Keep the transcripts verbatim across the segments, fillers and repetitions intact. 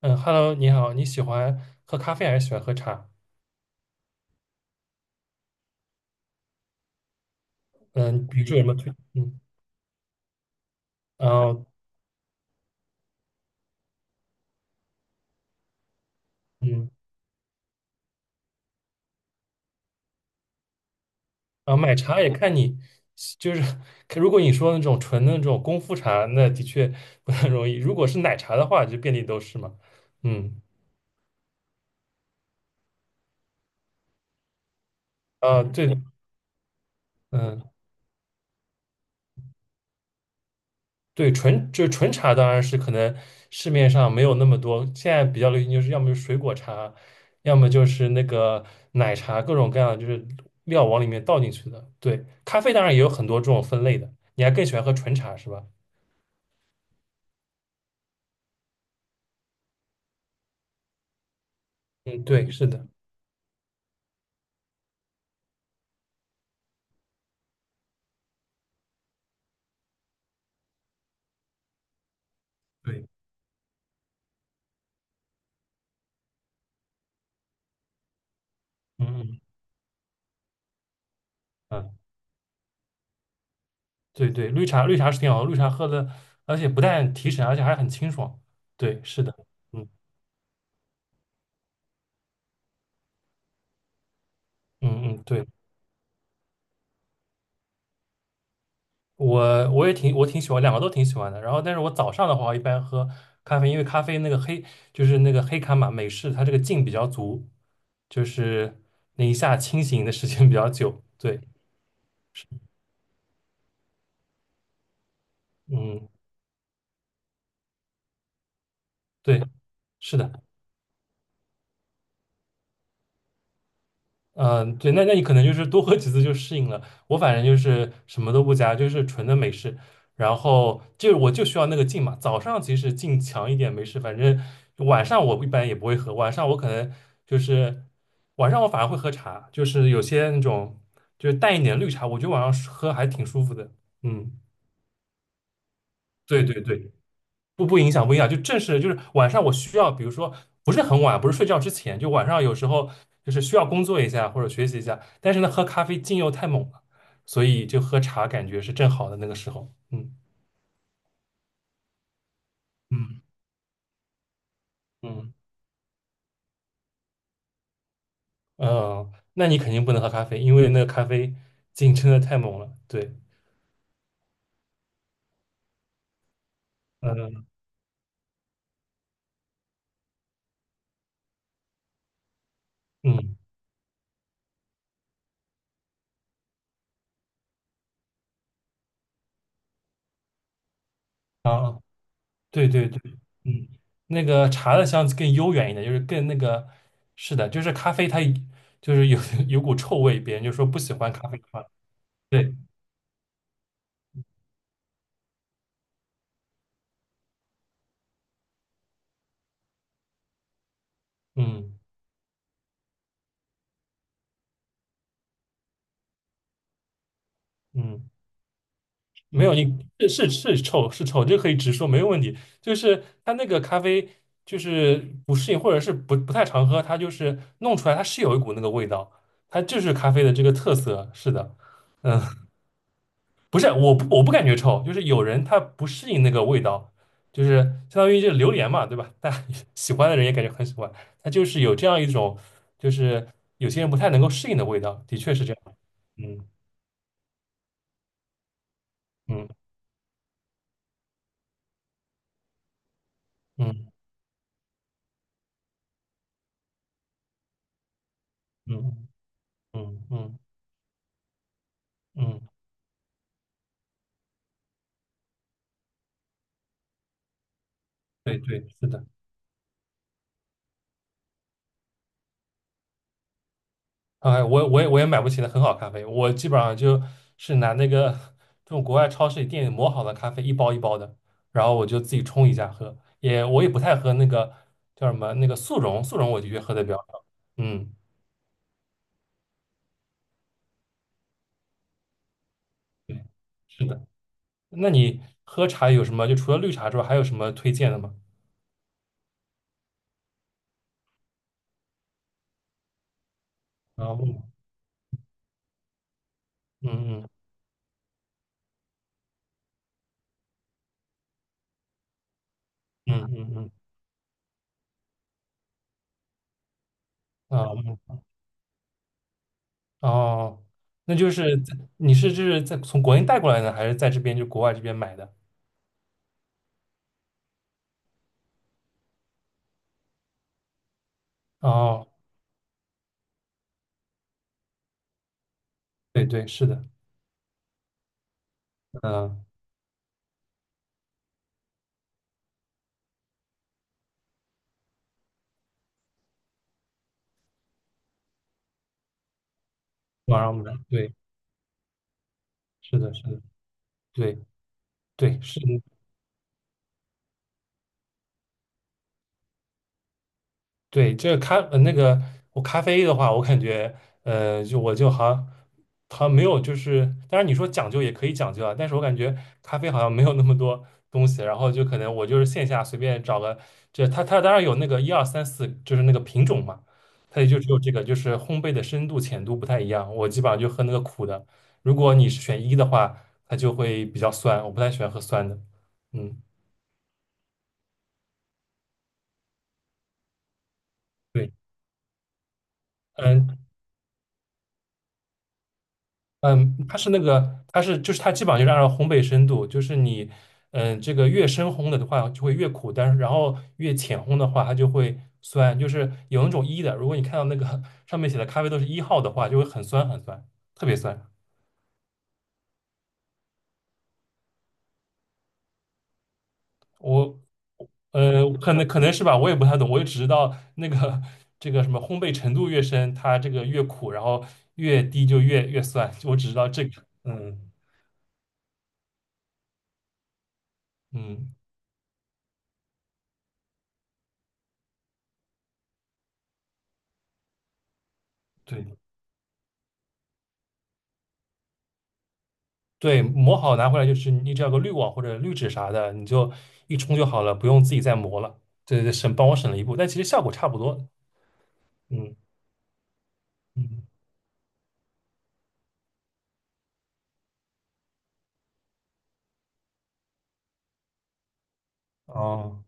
嗯，Hello，你好，你喜欢喝咖啡还是喜欢喝茶？嗯，比如说有什么推，嗯，然后嗯，然后买茶也看你，就是看如果你说那种纯的那种功夫茶，那的确不太容易；如果是奶茶的话，就遍地都是嘛。嗯，啊，对，嗯，对，纯就是纯茶当然是可能市面上没有那么多，现在比较流行就是要么就是水果茶，要么就是那个奶茶，各种各样的就是料往里面倒进去的。对，咖啡当然也有很多这种分类的，你还更喜欢喝纯茶是吧？嗯，对，是的，对，嗯嗯嗯，啊对对，绿茶绿茶是挺好喝，绿茶喝的，而且不但提神，而且还很清爽。对，是的，嗯嗯嗯，对。我我也挺我挺喜欢，两个都挺喜欢的。然后，但是我早上的话，我一般喝咖啡，因为咖啡那个黑就是那个黑咖嘛，美式它这个劲比较足，就是那一下清醒的时间比较久。对，嗯，对，是的。嗯，对，那那你可能就是多喝几次就适应了。我反正就是什么都不加，就是纯的美式。然后就我就需要那个劲嘛。早上其实劲强一点没事，反正晚上我一般也不会喝。晚上我可能就是晚上我反而会喝茶，就是有些那种就是淡一点绿茶，我觉得晚上喝还挺舒服的。嗯，对对对，不不影响，不影响，就正是就是晚上我需要，比如说不是很晚，不是睡觉之前，就晚上有时候就是需要工作一下或者学习一下，但是呢，喝咖啡劲又太猛了，所以就喝茶感觉是正好的那个时候。嗯嗯，嗯嗯，呃那你肯定不能喝咖啡，因为那个咖啡劲真的太猛了。对，嗯嗯啊，对对对，嗯，那个茶的香气更悠远一点，就是更那个，是的，就是咖啡它就是有 有股臭味，别人就说不喜欢咖啡。对，嗯嗯，没有，你是是是臭是臭，这可以直说，没有问题。就是它那个咖啡就是不适应，或者是不不太常喝，它就是弄出来，它是有一股那个味道，它就是咖啡的这个特色。是的，嗯，不是，我不我不感觉臭，就是有人他不适应那个味道，就是相当于这榴莲嘛，对吧？大家 喜欢的人也感觉很喜欢，它就是有这样一种，就是有些人不太能够适应的味道，的确是这样。嗯嗯嗯嗯。嗯嗯嗯，对对，是的。哎，我我也我也买不起的很好咖啡，我基本上就是拿那个这种国外超市里店里磨好的咖啡一包一包的，然后我就自己冲一下喝。也我也不太喝那个叫什么那个速溶，速溶我的确喝的比较少。嗯，对，是的。那你喝茶有什么？就除了绿茶之外，还有什么推荐的吗？啊，嗯嗯嗯嗯嗯啊嗯哦，那就是在你是就是在从国内带过来的，还是在这边就国外这边买的？哦，对对，是的，嗯，呃网上不对，是的，是的，对对是，对，这个咖呃那个我咖啡的话，我感觉呃，就我就好像好像没有，就是当然你说讲究也可以讲究啊，但是我感觉咖啡好像没有那么多东西，然后就可能我就是线下随便找个，这它它当然有那个一二三四，就是那个品种嘛，它也就只有这个，就是烘焙的深度浅度不太一样，我基本上就喝那个苦的，如果你是选一的话，它就会比较酸，我不太喜欢喝酸的，嗯，对，嗯。嗯，它是那个，它是就是它基本上就是按照烘焙深度，就是你，嗯，这个越深烘的的话就会越苦，但是然后越浅烘的话它就会酸，就是有那种一的，如果你看到那个上面写的咖啡都是一号的话，就会很酸很酸，特别酸。我呃，可能可能是吧，我也不太懂，我就只知道那个这个什么烘焙程度越深，它这个越苦，然后越低就越越酸，我只知道这个。嗯嗯，对。对，磨好拿回来就是你只要个滤网或者滤纸啥的，你就一冲就好了，不用自己再磨了。对对对，省帮我省了一步，但其实效果差不多。嗯嗯，哦，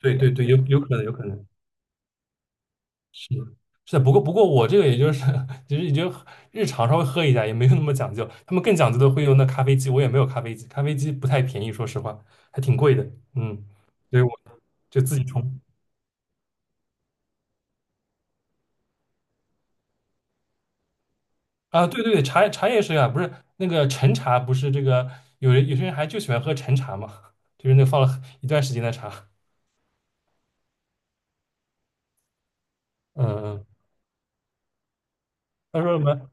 对对对，有有可能有可能是的是的，不过不过我这个也就是 其实也就日常稍微喝一下，也没有那么讲究。他们更讲究的会用那咖啡机，我也没有咖啡机，咖啡机不太便宜，说实话还挺贵的。嗯，所以我就自己冲。啊，对对对，茶茶叶是啊，不是那个陈茶，不是这个有人有些人还就喜欢喝陈茶嘛，就是那放了一段时间的茶，嗯嗯，他说什么？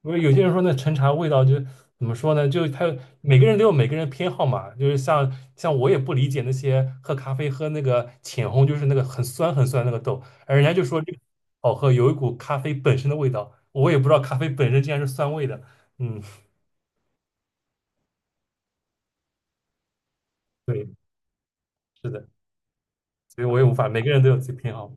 不是有些人说那陈茶味道就怎么说呢？就他每个人都有每个人偏好嘛，就是像像我也不理解那些喝咖啡喝那个浅烘，就是那个很酸很酸那个豆，而人家就说这个好喝，有一股咖啡本身的味道，我也不知道咖啡本身竟然是酸味的，嗯，对，是的，所以我也无法，每个人都有自己偏好。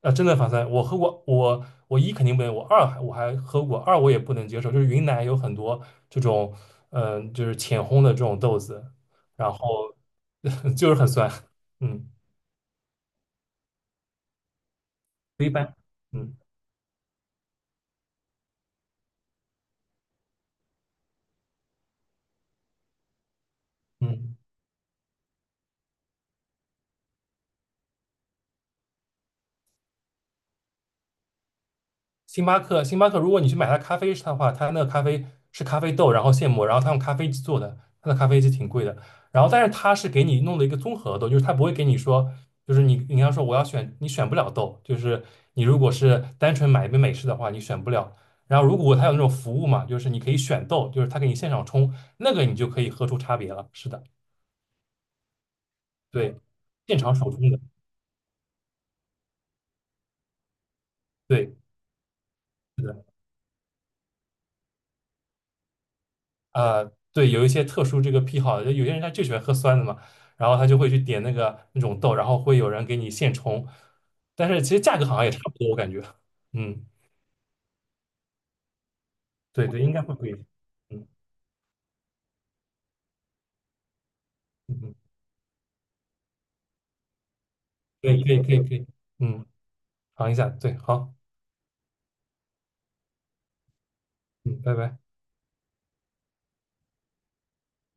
啊，真的法酸！我喝过，我我一肯定不能，我二还我还喝过，二我也不能接受，就是云南有很多这种，嗯，就是浅烘的这种豆子，然后 就是很酸，嗯，不一般，嗯嗯。星巴克，星巴克，如果你去买它咖啡的话，它那个咖啡是咖啡豆，然后现磨，然后它用咖啡机做的，它的咖啡机挺贵的。然后，但是它是给你弄的一个综合豆，就是它不会给你说，就是你你要说我要选，你选不了豆，就是你如果是单纯买一杯美式的话，你选不了。然后，如果它有那种服务嘛，就是你可以选豆，就是它给你现场冲，那个你就可以喝出差别了。是的，对，现场手冲的，对。是的。呃，对，有一些特殊这个癖好，就有些人他就喜欢喝酸的嘛，然后他就会去点那个那种豆，然后会有人给你现冲，但是其实价格好像也差不多，我感觉，嗯，对对，应该会贵一点，嗯嗯嗯，可以可以可以可以，嗯，尝一下，对，好，嗯，拜拜。